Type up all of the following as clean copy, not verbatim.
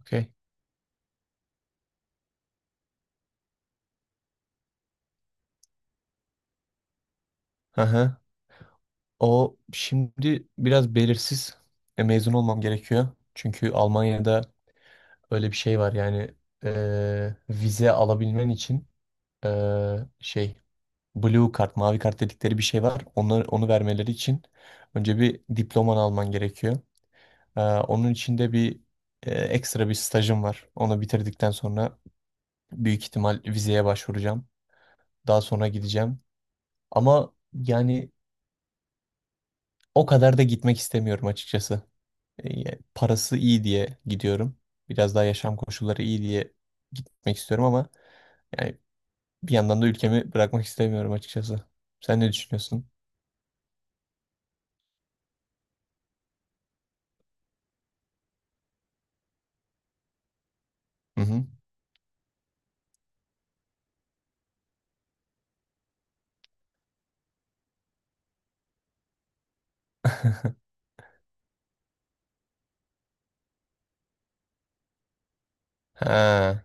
Okey. Aha. O şimdi biraz belirsiz. Mezun olmam gerekiyor. Çünkü Almanya'da öyle bir şey var yani vize alabilmen için e, şey blue kart, mavi kart dedikleri bir şey var. Onu vermeleri için önce bir diploman alman gerekiyor. Onun için de bir ekstra bir stajım var. Onu bitirdikten sonra büyük ihtimal vizeye başvuracağım. Daha sonra gideceğim. Ama yani o kadar da gitmek istemiyorum açıkçası. Parası iyi diye gidiyorum. Biraz daha yaşam koşulları iyi diye gitmek istiyorum ama yani bir yandan da ülkemi bırakmak istemiyorum açıkçası. Sen ne düşünüyorsun? Hı hı. Ha,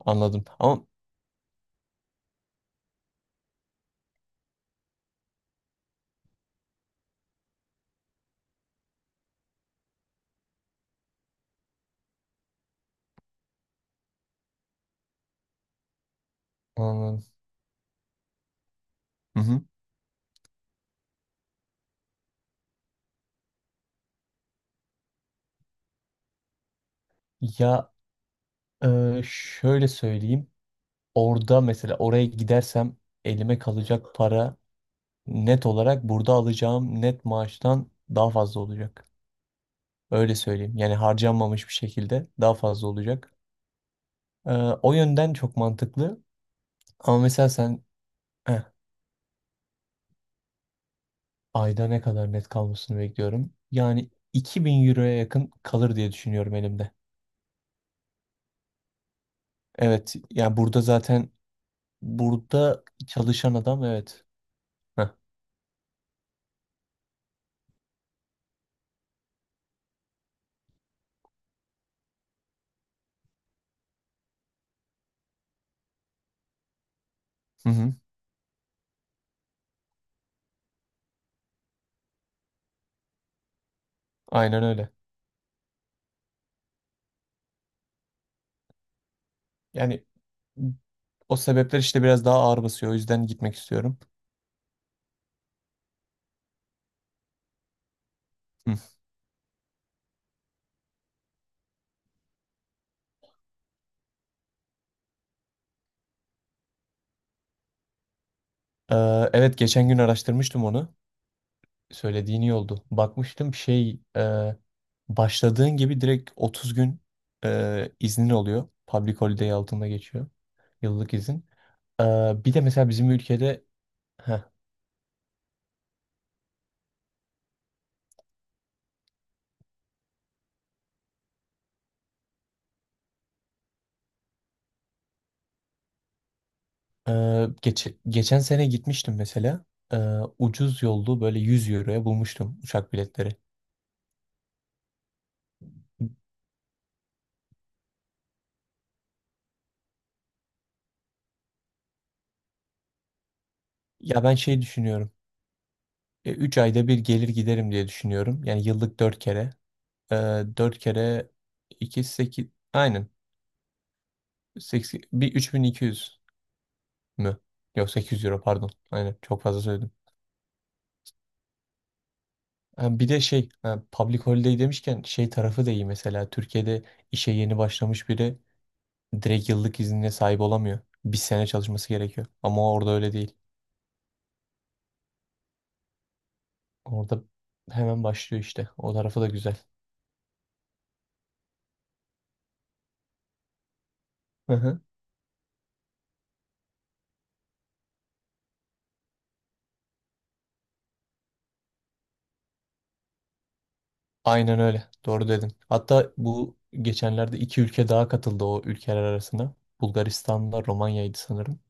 anladım. Ama anladım. Hı hı. Ya şöyle söyleyeyim. Orada mesela oraya gidersem elime kalacak para net olarak burada alacağım net maaştan daha fazla olacak. Öyle söyleyeyim. Yani harcanmamış bir şekilde daha fazla olacak. Ee, O yönden çok mantıklı. Ama mesela sen eh, ayda ne kadar net kalmasını bekliyorum. Yani 2000 euroya yakın kalır diye düşünüyorum elimde. Evet, yani burada zaten burada çalışan adam evet. Heh. Hı hı, aynen öyle. Yani o sebepler işte biraz daha ağır basıyor. O yüzden gitmek istiyorum. Hı. Evet, geçen gün araştırmıştım onu. Söylediğin iyi oldu. Bakmıştım şey başladığın gibi direkt 30 gün iznin oluyor. Public holiday altında geçiyor. Yıllık izin. Bir de mesela bizim ülkede. Heh. Geçen sene gitmiştim mesela. Ucuz yollu böyle 100 euroya bulmuştum uçak biletleri. Ya ben şey düşünüyorum. 3 ayda bir gelir giderim diye düşünüyorum. Yani yıllık 4 kere. Ee, 4 kere 2 8 aynen 80 bir 3200 mü? Yok 800 euro pardon. Aynen çok fazla söyledim. Ha, bir de şey public holiday demişken şey tarafı da iyi mesela Türkiye'de işe yeni başlamış biri direkt yıllık iznine sahip olamıyor. Bir sene çalışması gerekiyor. Ama orada öyle değil. Orada hemen başlıyor işte. O tarafı da güzel. Hı hı. Aynen öyle. Doğru dedin. Hatta bu geçenlerde iki ülke daha katıldı o ülkeler arasına. Bulgaristan'la Romanya'ydı sanırım.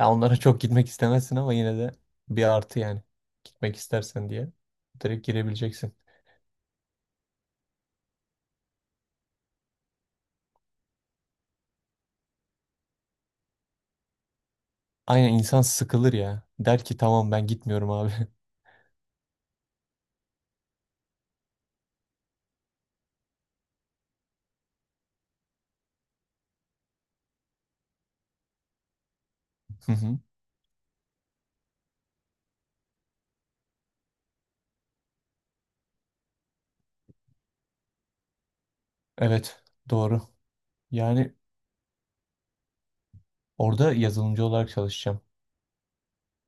Ya onlara çok gitmek istemezsin ama yine de bir artı yani. Gitmek istersen diye direkt girebileceksin. Aynen insan sıkılır ya. Der ki tamam ben gitmiyorum abi. Hı hı. Evet, doğru. Yani orada yazılımcı olarak çalışacağım.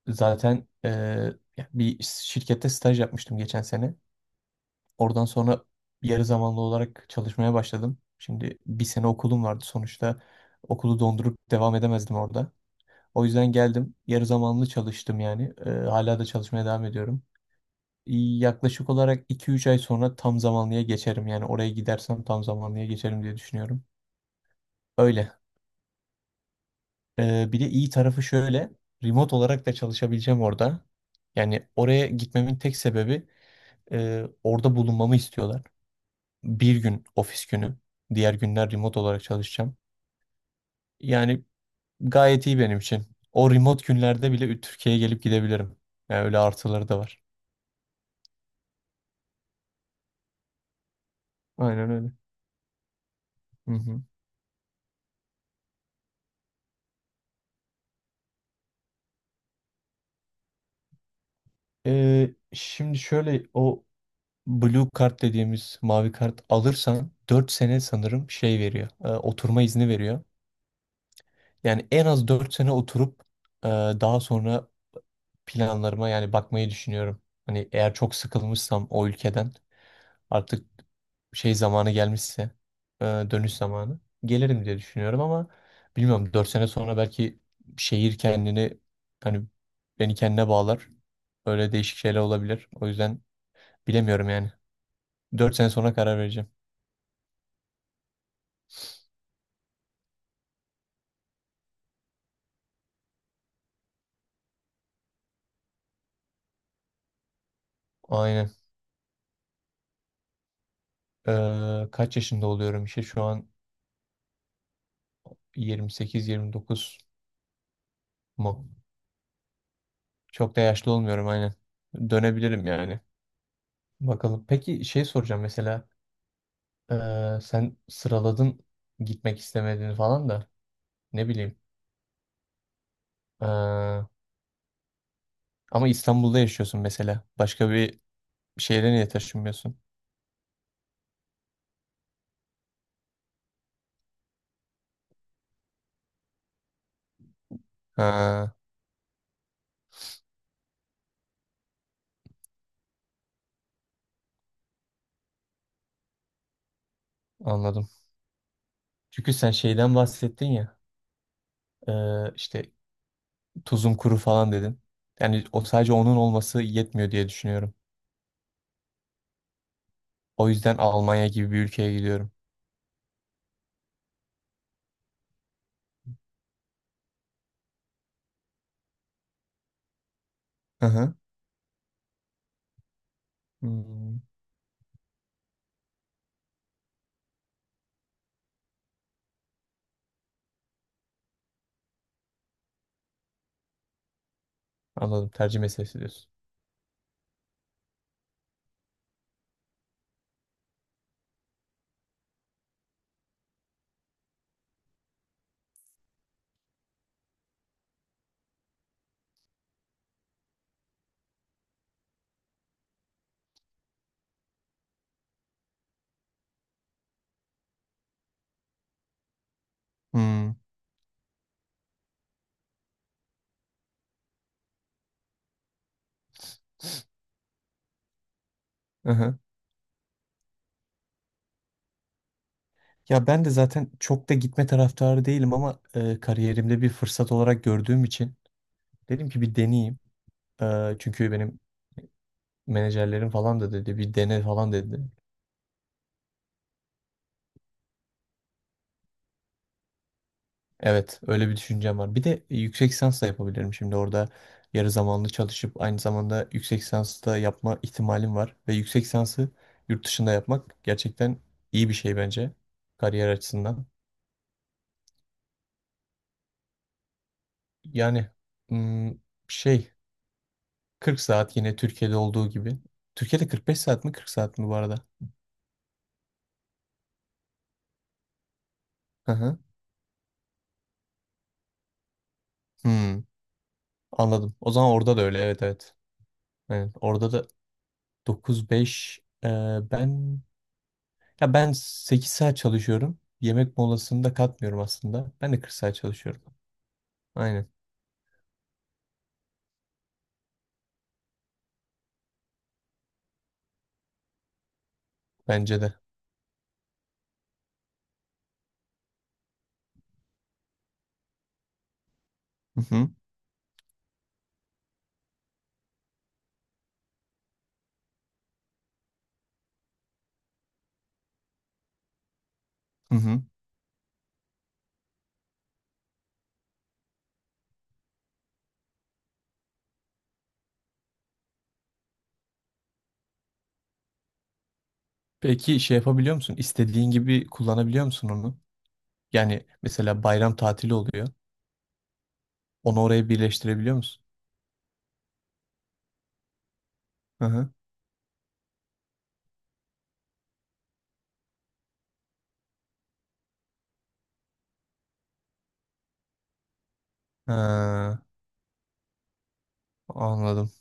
Zaten ya bir şirkette staj yapmıştım geçen sene. Oradan sonra yarı zamanlı olarak çalışmaya başladım. Şimdi bir sene okulum vardı sonuçta. Okulu dondurup devam edemezdim orada. O yüzden geldim. Yarı zamanlı çalıştım yani. Hala da çalışmaya devam ediyorum. Yaklaşık olarak 2-3 ay sonra tam zamanlıya geçerim. Yani oraya gidersem tam zamanlıya geçerim diye düşünüyorum. Öyle. Bir de iyi tarafı şöyle. Remote olarak da çalışabileceğim orada. Yani oraya gitmemin tek sebebi orada bulunmamı istiyorlar. Bir gün ofis günü. Diğer günler remote olarak çalışacağım. Yani gayet iyi benim için. O remote günlerde bile Türkiye'ye gelip gidebilirim. Yani öyle artıları da var. Aynen öyle. Hı hı. Şimdi şöyle o Blue kart dediğimiz mavi kart alırsan 4 sene sanırım şey veriyor. Oturma izni veriyor. Yani en az 4 sene oturup daha sonra planlarıma yani bakmayı düşünüyorum. Hani eğer çok sıkılmışsam o ülkeden artık şey zamanı gelmişse dönüş zamanı gelirim diye düşünüyorum ama bilmiyorum 4 sene sonra belki şehir kendini hani beni kendine bağlar. Öyle değişik şeyler olabilir. O yüzden bilemiyorum yani. Dört sene sonra karar vereceğim. Aynen. Kaç yaşında oluyorum işte şu an 28-29 mu? Çok da yaşlı olmuyorum aynen. Dönebilirim yani. Bakalım. Peki şey soracağım mesela sen sıraladın gitmek istemediğini falan da ne bileyim. Ee, Ama İstanbul'da yaşıyorsun mesela. Başka bir şehre niye taşınmıyorsun? Ha, anladım. Çünkü sen şeyden bahsettin ya işte tuzum kuru falan dedin. Yani o sadece onun olması yetmiyor diye düşünüyorum. O yüzden Almanya gibi bir ülkeye gidiyorum. Hı hı. Hmm, anladım. Tercih meselesi diyorsun. Hmm. Hı hı. Ya ben de zaten çok da gitme taraftarı değilim ama kariyerimde bir fırsat olarak gördüğüm için dedim ki bir deneyeyim. Çünkü benim menajerlerim falan da dedi bir dene falan dedi. Evet, öyle bir düşüncem var. Bir de yüksek lisans da yapabilirim şimdi orada yarı zamanlı çalışıp aynı zamanda yüksek lisans da yapma ihtimalim var ve yüksek lisansı yurt dışında yapmak gerçekten iyi bir şey bence kariyer açısından. Yani hmm, şey 40 saat yine Türkiye'de olduğu gibi. Türkiye'de 45 saat mi 40 saat mi bu arada? Hı hı. Hmm, anladım. O zaman orada da öyle. Evet, evet. Evet, orada da 9-5 e, ben Ya ben 8 saat çalışıyorum. Yemek molasını da katmıyorum aslında. Ben de 40 saat çalışıyorum. Aynen. Bence de. Hı hı. Hı hı. Peki şey yapabiliyor musun? İstediğin gibi kullanabiliyor musun onu? Yani mesela bayram tatili oluyor. Onu oraya birleştirebiliyor musun? Hı hı. Ha, anladım.